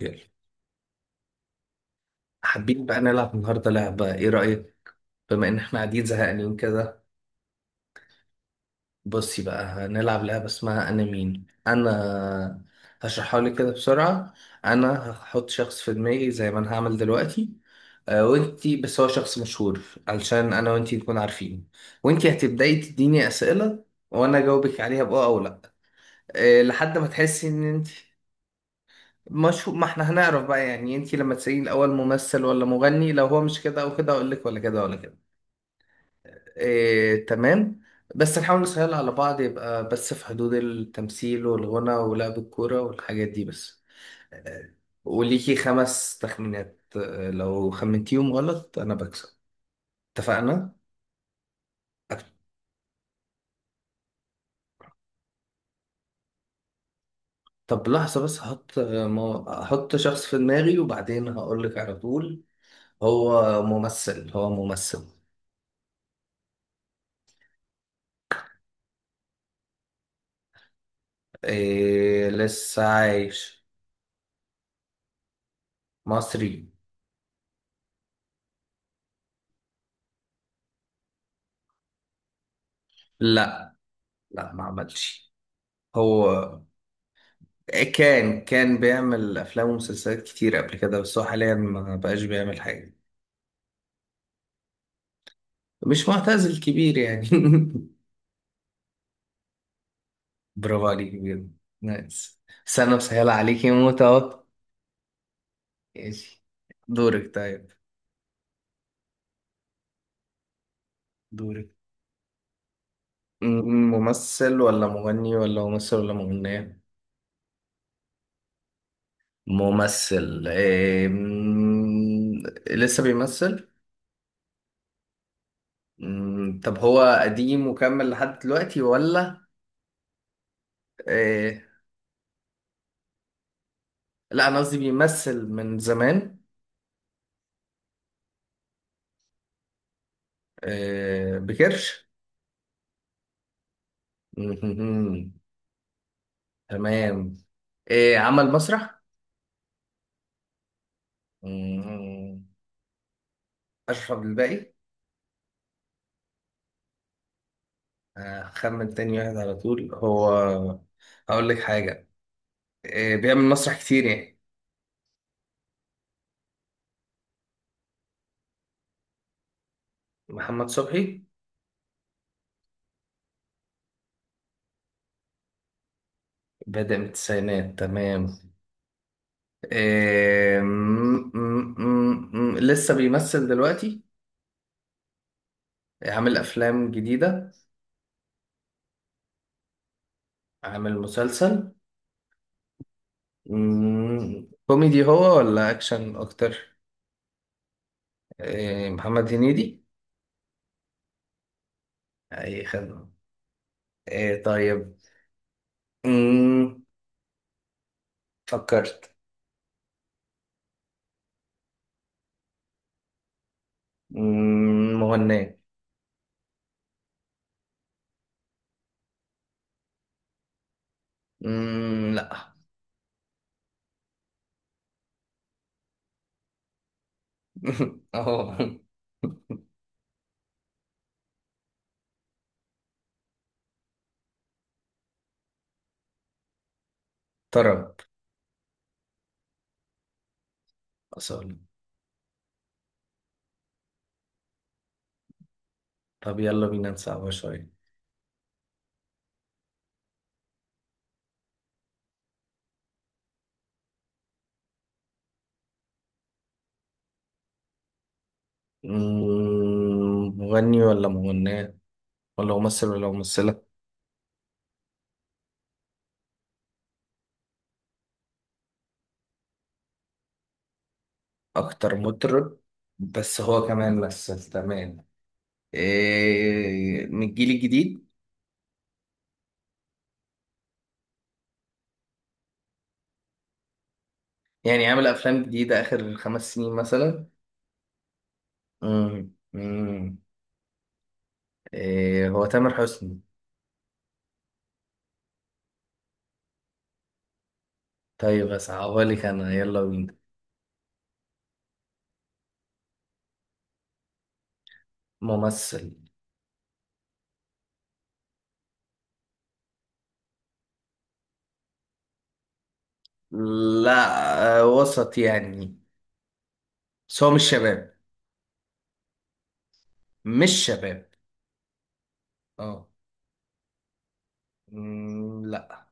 يلا، حابين بقى نلعب النهاردة لعبة، ايه رأيك؟ بما ان احنا قاعدين زهقانين كده. بصي بقى هنلعب لعبة اسمها انا مين انا. هشرحها لك كده بسرعة. انا هحط شخص في دماغي زي ما انا هعمل دلوقتي. وانتي بس هو شخص مشهور، علشان انا وانتي نكون عارفين. وانتي هتبدأي تديني اسئلة وانا اجاوبك عليها بأه او لا. لحد ما تحسي ان انتي مشهور، ما احنا هنعرف بقى. يعني انتي لما تسألين الاول ممثل ولا مغني، لو هو مش كده او كده اقول لك ولا كده ولا كده. إيه، تمام. بس نحاول نسهلها على بعض، يبقى بس في حدود التمثيل والغنى ولعب الكورة والحاجات دي بس. آه، وليكي 5 تخمينات. لو خمنتيهم غلط أنا بكسب، اتفقنا؟ أك- طب لحظة بس هحط هحط شخص في دماغي وبعدين هقولك على طول. هو ممثل، هو ممثل. إيه، لسه عايش. مصري. لا، لا ما عملش. هو كان بيعمل افلام ومسلسلات كتير قبل كده، بس هو حاليا ما بقاش بيعمل حاجه. مش معتزل، كبير يعني. برافو عليك بجد. نايس. بس انا مسهله عليك يا موت اهو. ماشي. دورك، طيب. دورك. م- ممثل ولا مغني، ولا ممثل ولا مغنيه؟ ممثل، إيه لسه بيمثل. طب هو قديم وكمل لحد دلوقتي ولا؟ إيه، لا انا قصدي بيمثل من زمان. آه، بكرش. مهمهم. تمام. آه، عمل مسرح. مهم. أشرف عبد الباقي. هخمن تاني واحد على طول هو، هقول لك حاجة. آه، بيعمل مسرح كتير يعني؟ محمد صبحي. بدأ من التسعينات، تمام. آه لسه بيمثل دلوقتي؟ عامل أفلام جديدة؟ عامل مسلسل. كوميدي هو ولا أكشن أكتر؟ آه، محمد هنيدي. اي خدمة. إيه، طيب. مم. فكرت. مغنية. لا. اهو. طرب. اصلا. طب يلا بينا نصعبها شوية. مغني ولا مغنية، ولا ممثل ولا ممثلة؟ اكتر مطرب، بس هو كمان مثل، تمام. إيه، من الجيل الجديد يعني؟ عامل افلام جديدة اخر 5 سنين مثلا؟ مم. مم. إيه، هو تامر حسني. طيب أصعبها لك أنا، يلا بينا. ممثل. لا، آه، وسط يعني. بس هو مش شباب. مش شباب، اه. لا.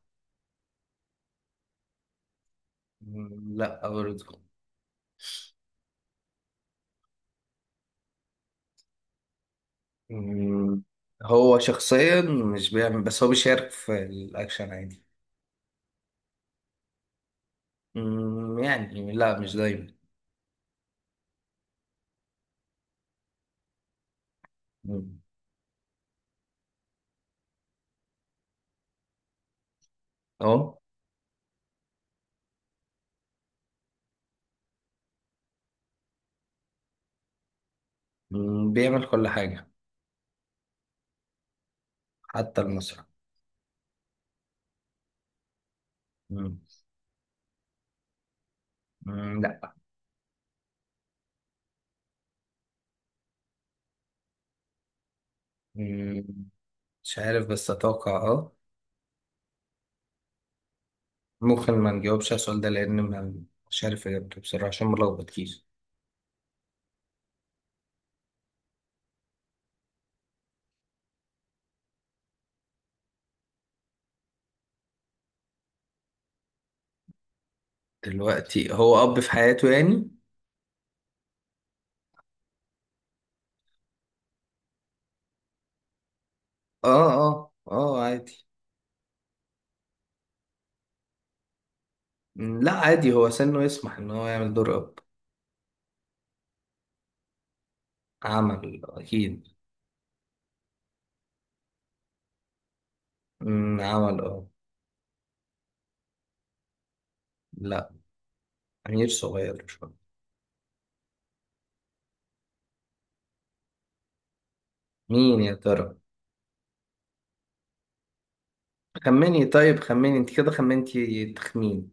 لا برضه. مم، هو شخصيا مش بيعمل، بس هو بيشارك في الأكشن عادي. يعني لا، مش دايما. مم، اه. بيعمل كل حاجة. حتى المسرح. مم، لا. مم، مش عارف بس أتوقع اه. ممكن ما نجاوبش على السؤال ده لأن مش عارف إجابته بصراحة عشان ملخبط كيس. دلوقتي هو أب في حياته يعني؟ آه آه آه، عادي. لا عادي، هو سنه يسمح إن هو يعمل دور أب. عمل أكيد. عمل آه. لا، أمير صغير شوية. مين يا ترى؟ خمني طيب، خمني أنت كده خمنتي تخمين.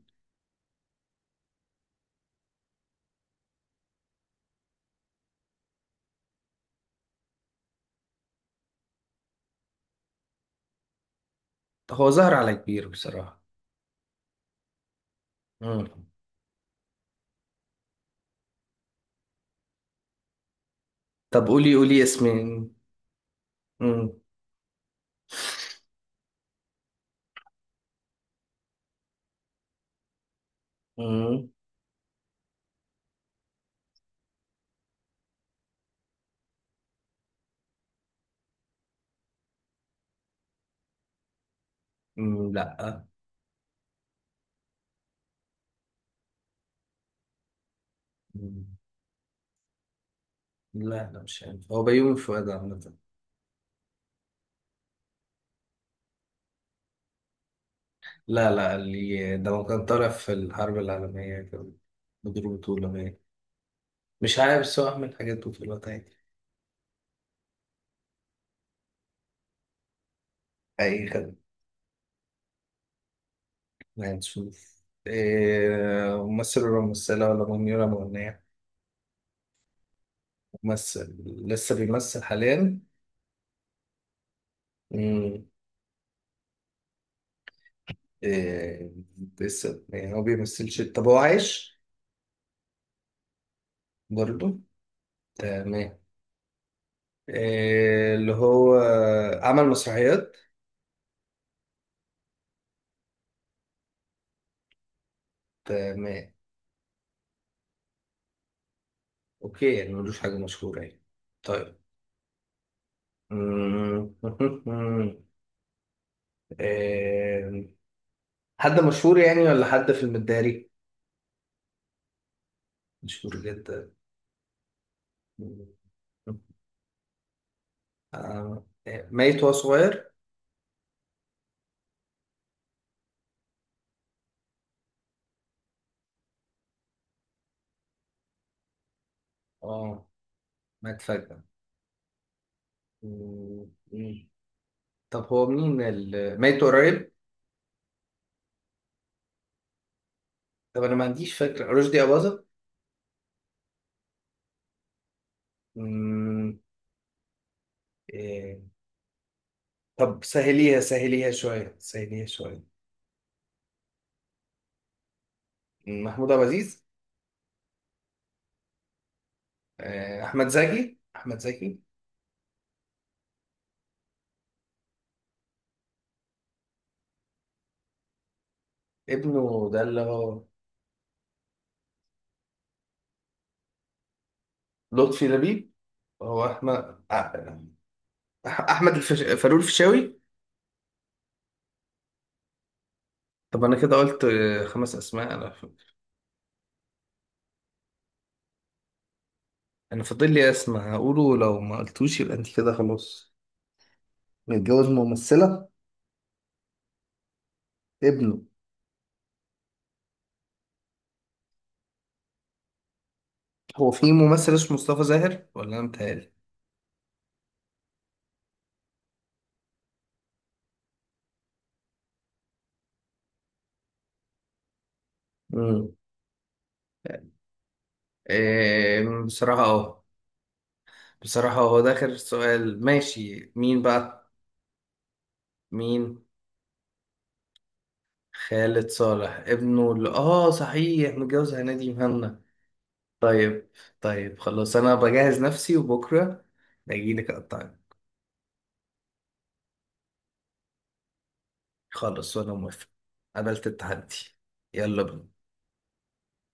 هو ظهر على كبير بصراحة. مم. طب قولي قولي اسمين. مم. مم. لا لا لا، مش عارف هو بيومي فؤاد عامة. لا لا، اللي ده ما كان طالع في الحرب العالمية كان مدير بطولة باين. مش عارف بس هو عامل حاجات بطولات عادي. أي خدمة. هنشوف. إيه، ممثل ولا ممثلة، ولا مغني ولا مغنية؟ ممثل. لسه بيمثل حاليا؟ مم. إيه، لسه يعني هو بيمثلش. طب هو عايش برضه؟ تمام. إيه اللي هو عمل مسرحيات؟ تمام. اوكي، يعني ملوش حاجة مشهورة يعني. طيب. مم. آم، حد مشهور يعني ولا حد في المداري؟ مشهور جدا. آه، ميت وهو صغير. اه، مات فجأة. مم. مم. طب هو مين ميت قريب؟ طب انا ما عنديش فكرة. رشدي أباظة؟ مم. إيه. طب سهليها سهليها شوية، سهليها شوية. محمود عبد العزيز. آه، أحمد زكي، أحمد زكي. ابنه ده اللي هو لطفي لبيب. هو احمد احمد فاروق الفيشاوي. طب انا كده قلت آه، 5 اسماء، انا انا فاضل لي اسم هقوله، لو ما قلتوش يبقى انت كده خلاص. متجوز ممثلة، ابنه. هو في ممثل اسمه مصطفى زاهر ولا انا متهيألي؟ مم. إيه بصراحة اه. بصراحة هو ده آخر سؤال، ماشي. مين بقى؟ مين. خالد صالح. ابنه اللي اه صحيح متجوز هنادي مهنا. طيب. طيب خلاص، انا بجهز نفسي وبكره اجي لك اقطعك. خلاص، وانا موافق. قبلت التحدي. يلا بينا.